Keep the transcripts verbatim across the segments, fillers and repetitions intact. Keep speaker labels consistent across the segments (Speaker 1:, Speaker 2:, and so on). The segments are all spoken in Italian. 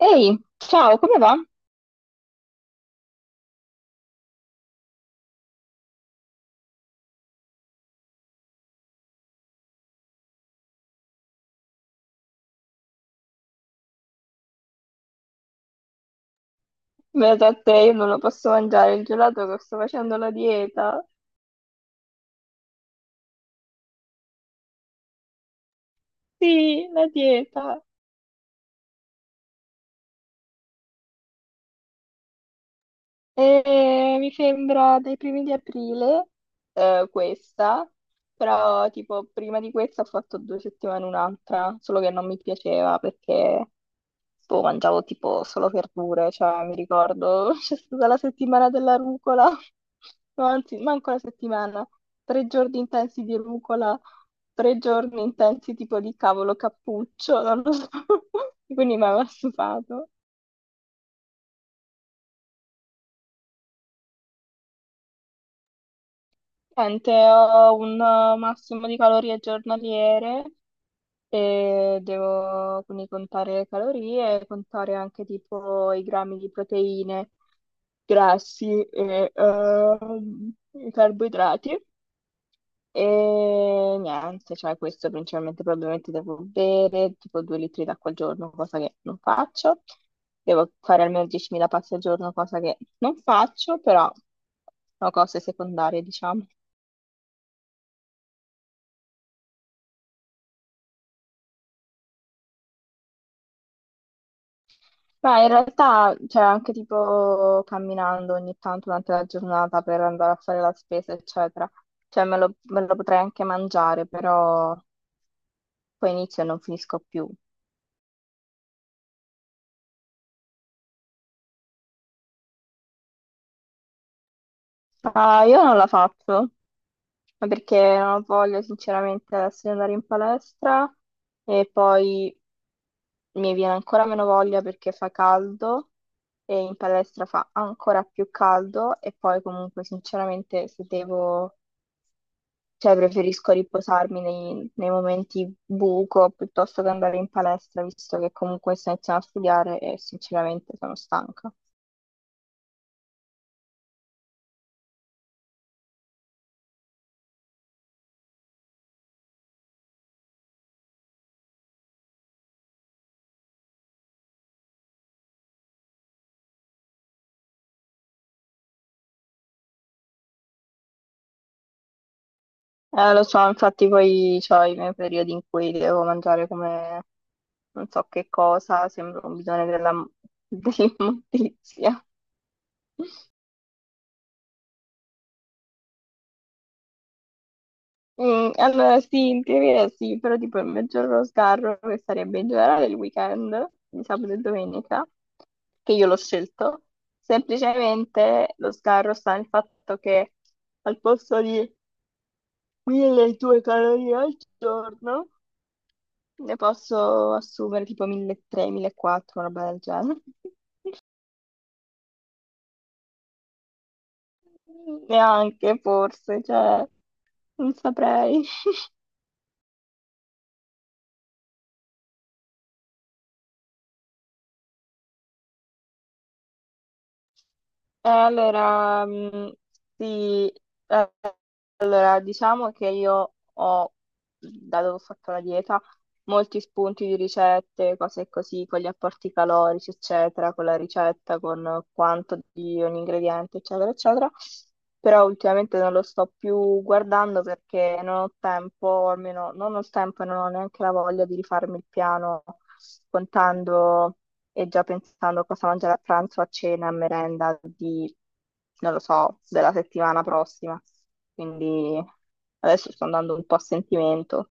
Speaker 1: Ehi, ciao, come va? Beata a te, io non lo posso mangiare il gelato che sto facendo la dieta. Sì, la dieta. E mi sembra dai primi di aprile, eh, questa, però tipo prima di questa ho fatto due settimane un'altra, solo che non mi piaceva perché Boh, mangiavo tipo solo verdure, cioè mi ricordo c'è stata la settimana della rucola, no, anzi, manco la settimana, tre giorni intensi di rucola, tre giorni intensi tipo di cavolo cappuccio, non lo so, quindi mi aveva stufato. Niente, ho un eh, massimo di calorie giornaliere e devo quindi contare le calorie, e contare anche tipo i grammi di proteine grassi e ehm, i carboidrati. E niente, cioè questo principalmente probabilmente devo bere tipo due litri d'acqua al giorno, cosa che non faccio. Devo fare almeno diecimila passi al giorno, cosa che non faccio, però sono cose secondarie, diciamo. Ma in realtà, cioè, anche tipo camminando ogni tanto durante la giornata per andare a fare la spesa, eccetera, cioè me lo, me lo potrei anche mangiare, però poi inizio e non finisco più. Ah, io non la faccio, ma perché non ho voglia sinceramente adesso di andare in palestra e poi mi viene ancora meno voglia perché fa caldo e in palestra fa ancora più caldo e poi comunque sinceramente se devo, cioè preferisco riposarmi nei, nei momenti buco piuttosto che andare in palestra visto che comunque sto iniziando a studiare e sinceramente sono stanca. Eh, lo so, infatti poi ho i miei periodi in cui devo mangiare come non so che cosa, sembra un bidone della, dell'immondizia. Mm, allora sì, in teoria sì, però tipo il maggior sgarro che sarebbe in generale il weekend di sabato e domenica, che io l'ho scelto, semplicemente lo sgarro sta nel fatto che al posto di milleduecento calorie al giorno ne posso assumere tipo milletrecento, millequattrocento, una roba del genere. Neanche forse, cioè, non saprei. Eh, allora, mh, sì, eh, allora, diciamo che io ho, dato che ho fatto la dieta, molti spunti di ricette, cose così, con gli apporti calorici, eccetera, con la ricetta, con quanto di ogni ingrediente, eccetera, eccetera. Però ultimamente non lo sto più guardando perché non ho tempo, o almeno non ho il tempo e non ho neanche la voglia di rifarmi il piano contando e già pensando a cosa mangiare a pranzo, a cena, a merenda di, non lo so, della settimana prossima. Quindi adesso sto andando un po' a sentimento.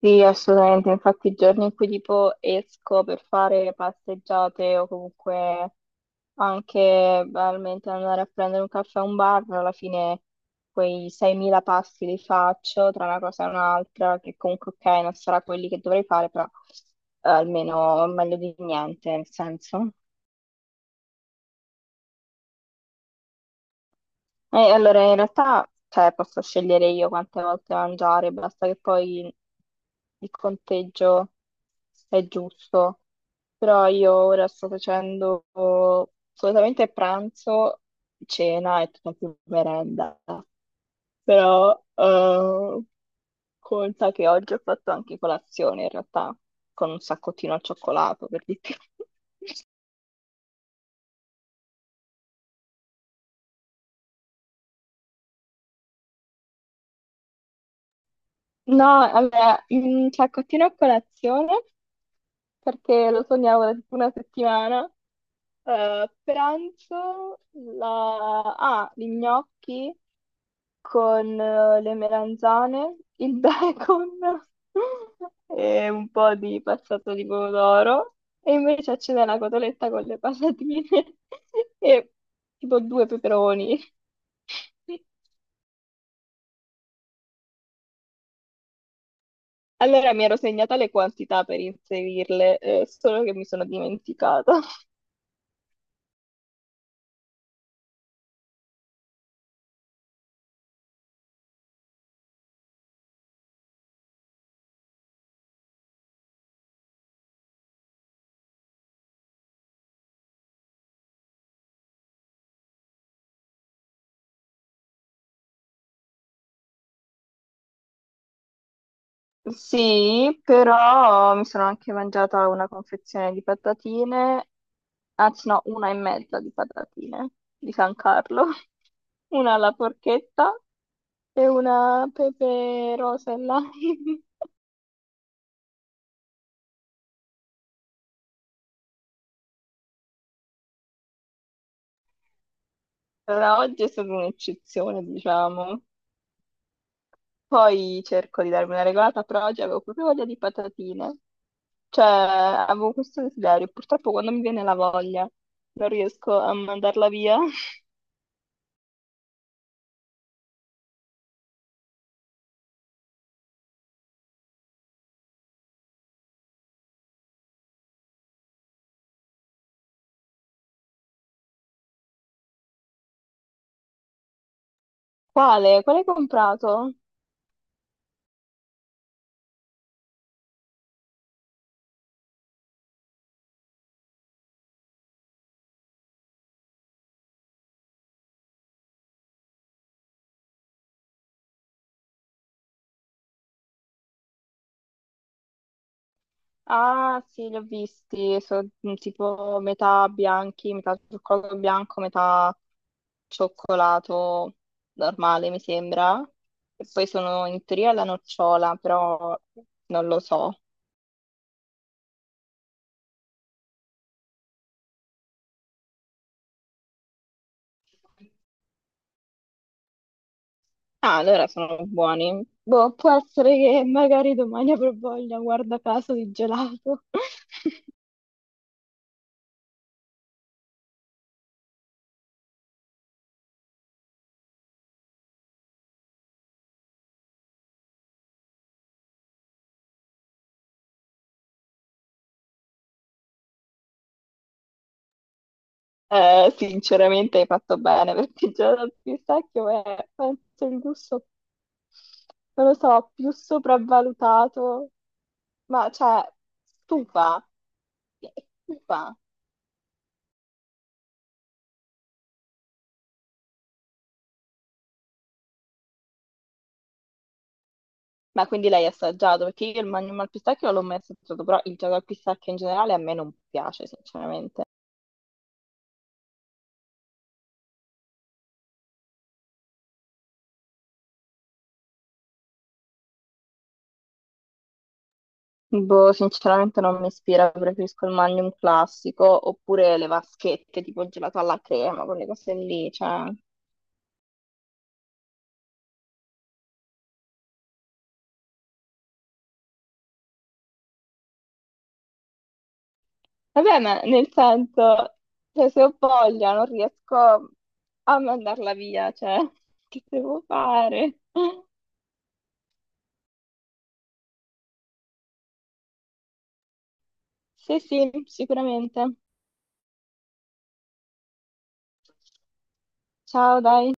Speaker 1: Sì, assolutamente. Infatti, i giorni in cui tipo esco per fare passeggiate o comunque anche banalmente andare a prendere un caffè a un bar, alla fine quei seimila passi li faccio tra una cosa e un'altra, che comunque, ok, non sarà quelli che dovrei fare, però eh, almeno meglio di niente, nel senso. Eh, allora, in realtà, cioè, posso scegliere io quante volte mangiare, basta che poi il conteggio è giusto. Però io ora sto facendo solitamente pranzo, cena e tutta più merenda. Però eh, conta che oggi ho fatto anche colazione, in realtà, con un saccottino al cioccolato, per di più. No, allora, un saccottino a colazione, perché lo sognavo da tipo una settimana. Eh, pranzo la... ah, gli gnocchi con eh, le melanzane, il bacon e un po' di passato di pomodoro. E invece a cena la cotoletta con le patatine e tipo due peperoni. Allora mi ero segnata le quantità per inserirle, eh, solo che mi sono dimenticata. Sì, però mi sono anche mangiata una confezione di patatine, anzi no, una e mezza di patatine di San Carlo, una alla porchetta e una pepe rosa e lime. Allora, oggi è stata un'eccezione, diciamo. Poi cerco di darmi una regolata, però oggi avevo proprio voglia di patatine. Cioè, avevo questo desiderio. Purtroppo quando mi viene la voglia non riesco a mandarla via. Quale? Quale hai comprato? Ah, sì, li ho visti, sono tipo metà bianchi, metà cioccolato bianco, metà cioccolato normale, mi sembra. E poi sono in teoria alla nocciola, però non lo so. Ah, allora sono buoni. Boh, può essere che magari domani avrò voglia, guarda caso, di gelato. Eh, sinceramente hai fatto bene, perché il gelato al pistacchio è, penso, il gusto, non lo so, più sopravvalutato. Ma cioè, stufa, stufa. Ma quindi l'hai assaggiato? Perché io il Magnum al pistacchio non l'ho mai assaggiato, però il gelato al pistacchio in generale a me non piace, sinceramente. Boh, sinceramente non mi ispira, preferisco il Magnum classico, oppure le vaschette, tipo il gelato alla crema, quelle cose lì, cioè... Vabbè, ma nel senso, cioè, se ho voglia non riesco a mandarla via, cioè, che devo fare? Sì, sì, sicuramente. Ciao, dai.